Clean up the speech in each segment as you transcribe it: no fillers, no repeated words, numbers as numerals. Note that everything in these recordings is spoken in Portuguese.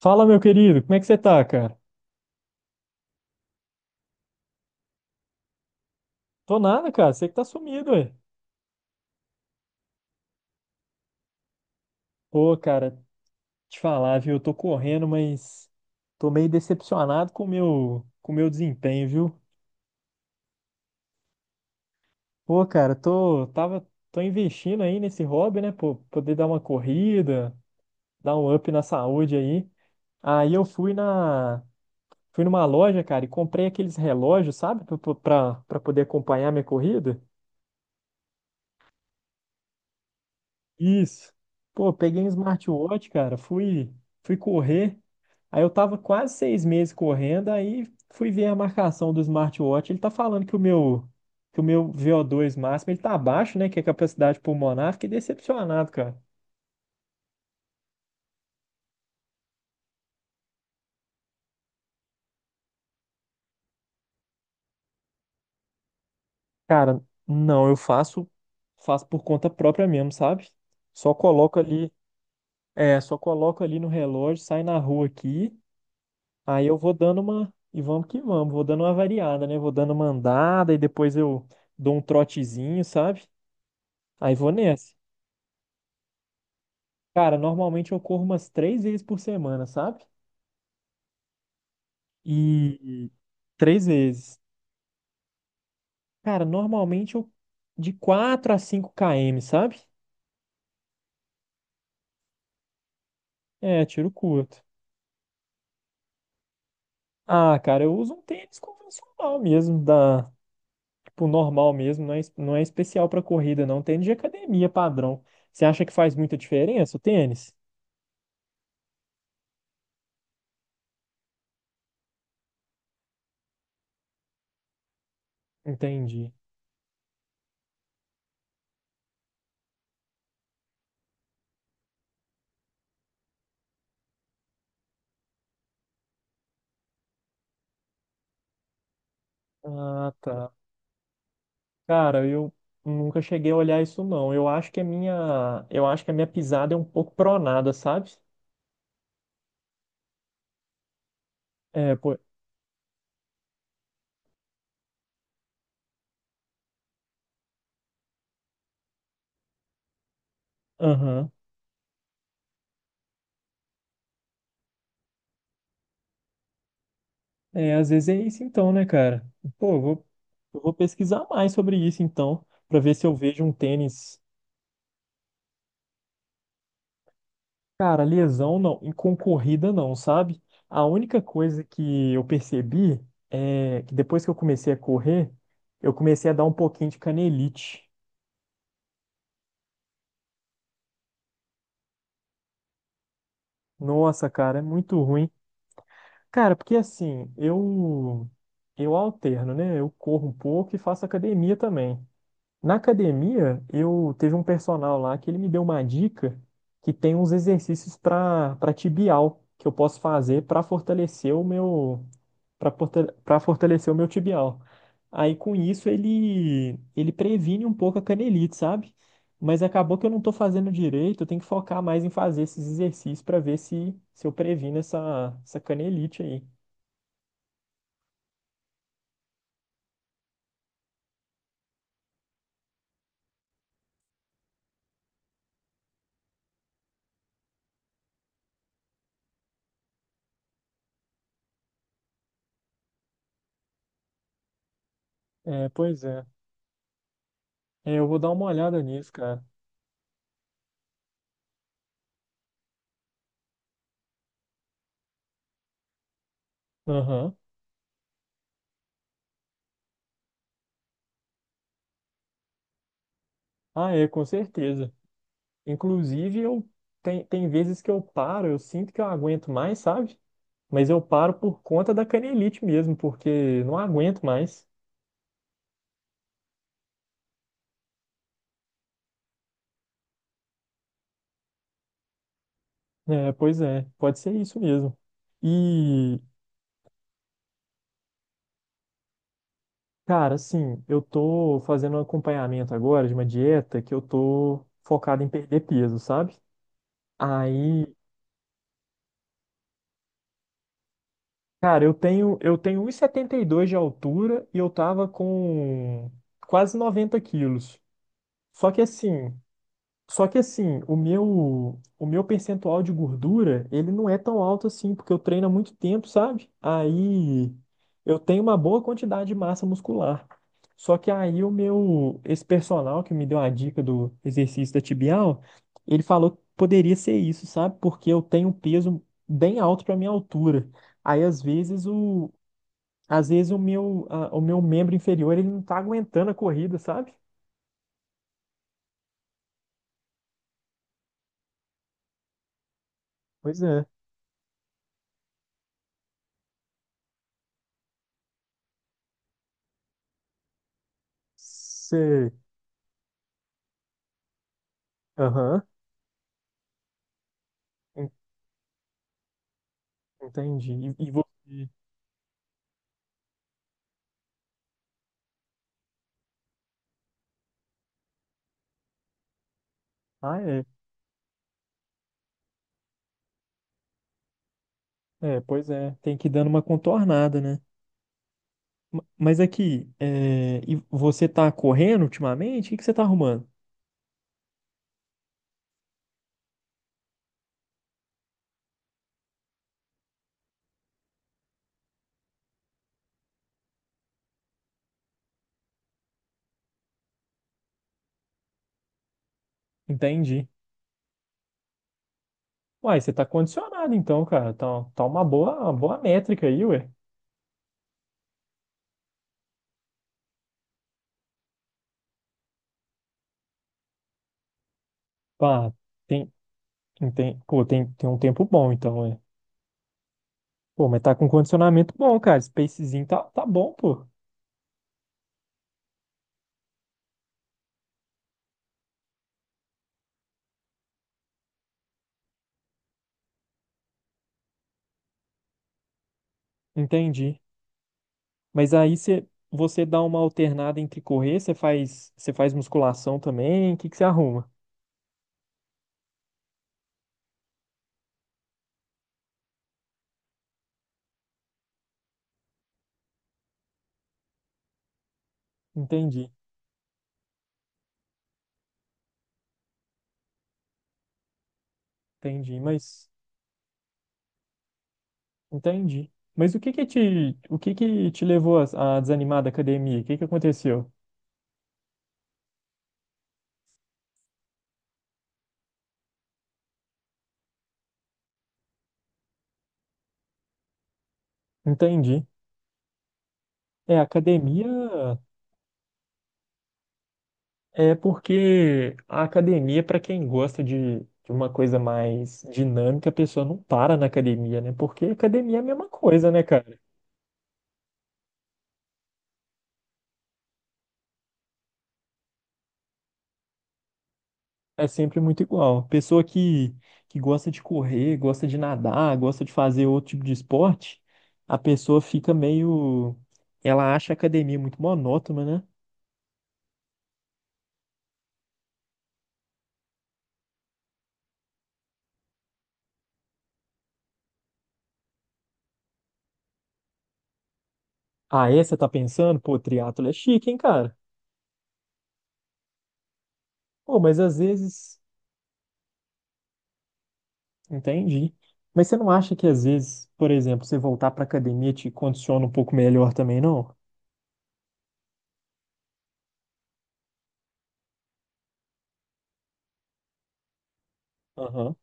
Fala, meu querido, como é que você tá, cara? Tô nada, cara, você que tá sumido, ué. Pô, cara, te falar, viu? Eu tô correndo, mas tô meio decepcionado com o meu desempenho, viu? Pô, cara, tô investindo aí nesse hobby, né? Pô, poder dar uma corrida, dar um up na saúde aí. Aí eu fui numa loja, cara, e comprei aqueles relógios, sabe? Pra poder acompanhar minha corrida. Isso. Pô, peguei um smartwatch, cara, fui correr. Aí eu tava quase 6 meses correndo, aí fui ver a marcação do smartwatch. Ele tá falando que o meu VO2 máximo ele tá abaixo, né? Que é a capacidade pulmonar. Fiquei decepcionado, cara. Cara, não, eu faço por conta própria mesmo, sabe? Só coloco ali, só coloco ali no relógio, sai na rua aqui, aí eu e vamos que vamos, vou dando uma variada, né? Vou dando uma andada e depois eu dou um trotezinho, sabe? Aí vou nessa. Cara, normalmente eu corro umas 3 vezes por semana, sabe? E 3 vezes. Cara, normalmente eu de 4 a 5 km, sabe? É, tiro curto. Ah, cara, eu uso um tênis convencional mesmo, da, tipo, normal mesmo, não é, não é especial pra corrida, não. Tênis de academia padrão. Você acha que faz muita diferença o tênis? Entendi. Ah, tá. Cara, eu nunca cheguei a olhar isso, não. Eu acho que a minha pisada é um pouco pronada, sabe? É, aham. É, às vezes é isso então, né, cara? Pô, eu vou pesquisar mais sobre isso então, pra ver se eu vejo um tênis. Cara, lesão não, em concorrida não, sabe? A única coisa que eu percebi é que depois que eu comecei a correr, eu comecei a dar um pouquinho de canelite. Nossa, cara, é muito ruim. Cara, porque assim, eu alterno, né? Eu corro um pouco e faço academia também. Na academia, eu teve um personal lá que ele me deu uma dica que tem uns exercícios para tibial que eu posso fazer para para fortalecer o meu tibial. Aí com isso ele previne um pouco a canelite, sabe? Mas acabou que eu não tô fazendo direito, eu tenho que focar mais em fazer esses exercícios para ver se eu previno essa canelite aí. É, pois é. É, eu vou dar uma olhada nisso, cara. Aham. Ah, é, com certeza. Inclusive, tem vezes que eu paro, eu sinto que eu aguento mais, sabe? Mas eu paro por conta da canelite mesmo, porque não aguento mais. É, pois é, pode ser isso mesmo. E, cara, assim, eu tô fazendo um acompanhamento agora de uma dieta que eu tô focado em perder peso, sabe? Aí, cara, eu tenho 1,72 de altura e eu tava com quase 90 quilos. Só que assim, Só que assim, o meu percentual de gordura, ele não é tão alto assim, porque eu treino há muito tempo, sabe? Aí eu tenho uma boa quantidade de massa muscular. Só que aí esse personal que me deu a dica do exercício da tibial, ele falou que poderia ser isso, sabe? Porque eu tenho um peso bem alto para minha altura. Aí às vezes o meu, a- o meu membro inferior, ele não tá aguentando a corrida, sabe? Pois é. Sei. Aham. Entendi. E você? Ah, é. É, pois é. Tem que ir dando uma contornada, né? Mas aqui, é, e você tá correndo ultimamente? O que que você tá arrumando? Entendi. Uai, você tá condicionado então, cara. Tá, uma boa métrica aí, ué. Pá, tem, pô, tem um tempo bom então, ué. Pô, mas tá com condicionamento bom, cara. Spacezinho tá bom, pô. Entendi. Mas aí você dá uma alternada entre correr, você faz musculação também. O que que você arruma? Entendi. Entendi, mas entendi. Mas o que que te levou a desanimar da academia? O que que aconteceu? Entendi. É, a academia, para quem gosta de uma coisa mais dinâmica, a pessoa não para na academia, né? Porque academia é a mesma coisa, né, cara? É sempre muito igual. Pessoa que gosta de correr, gosta de nadar, gosta de fazer outro tipo de esporte, a pessoa fica meio. Ela acha a academia muito monótona, né? Ah, é? Você tá pensando? Pô, triatlo é chique, hein, cara? Pô, mas às vezes. Entendi. Mas você não acha que às vezes, por exemplo, você voltar pra academia te condiciona um pouco melhor também, não? Aham.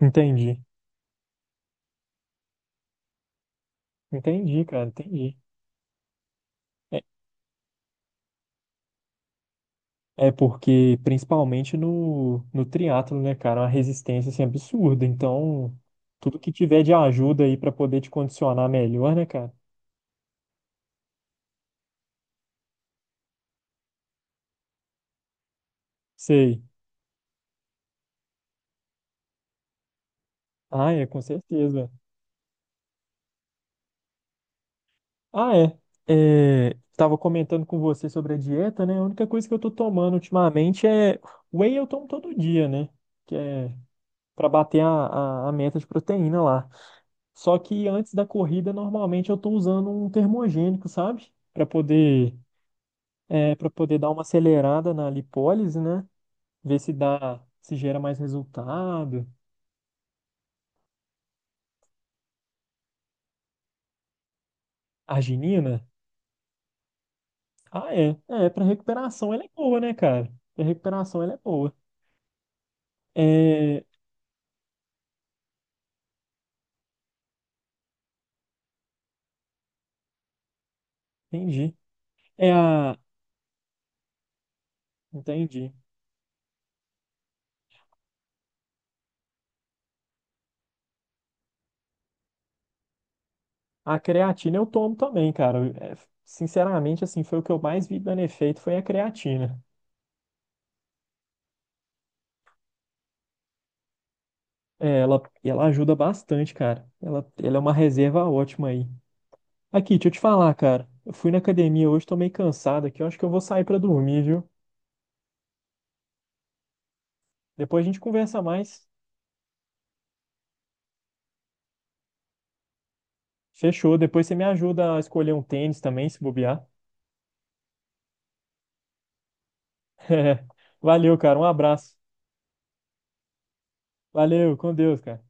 Entendi. Entendi, cara, entendi. É, é porque, principalmente no triatlo, né, cara, a resistência assim, é absurda. Então, tudo que tiver de ajuda aí pra poder te condicionar melhor, né, cara? Sei. Ah, é, com certeza. Ah, é. É, tava comentando com você sobre a dieta, né? A única coisa que eu tô tomando ultimamente é whey eu tomo todo dia, né? Que é pra bater a meta de proteína lá. Só que antes da corrida, normalmente eu tô usando um termogênico, sabe? Para poder dar uma acelerada na lipólise, né? Ver se dá, se gera mais resultado. Arginina? Ah, é. É, pra recuperação ela é boa, né, cara? Pra recuperação ela é boa. É, entendi. É a Entendi. A creatina eu tomo também, cara. É, sinceramente, assim, foi o que eu mais vi dando efeito foi a creatina. É, ela ajuda bastante, cara. Ela é uma reserva ótima aí. Aqui, deixa eu te falar, cara. Eu fui na academia hoje, tô meio cansado aqui. Eu acho que eu vou sair pra dormir, viu? Depois a gente conversa mais. Fechou. Depois você me ajuda a escolher um tênis também, se bobear. Valeu, cara. Um abraço. Valeu, com Deus, cara.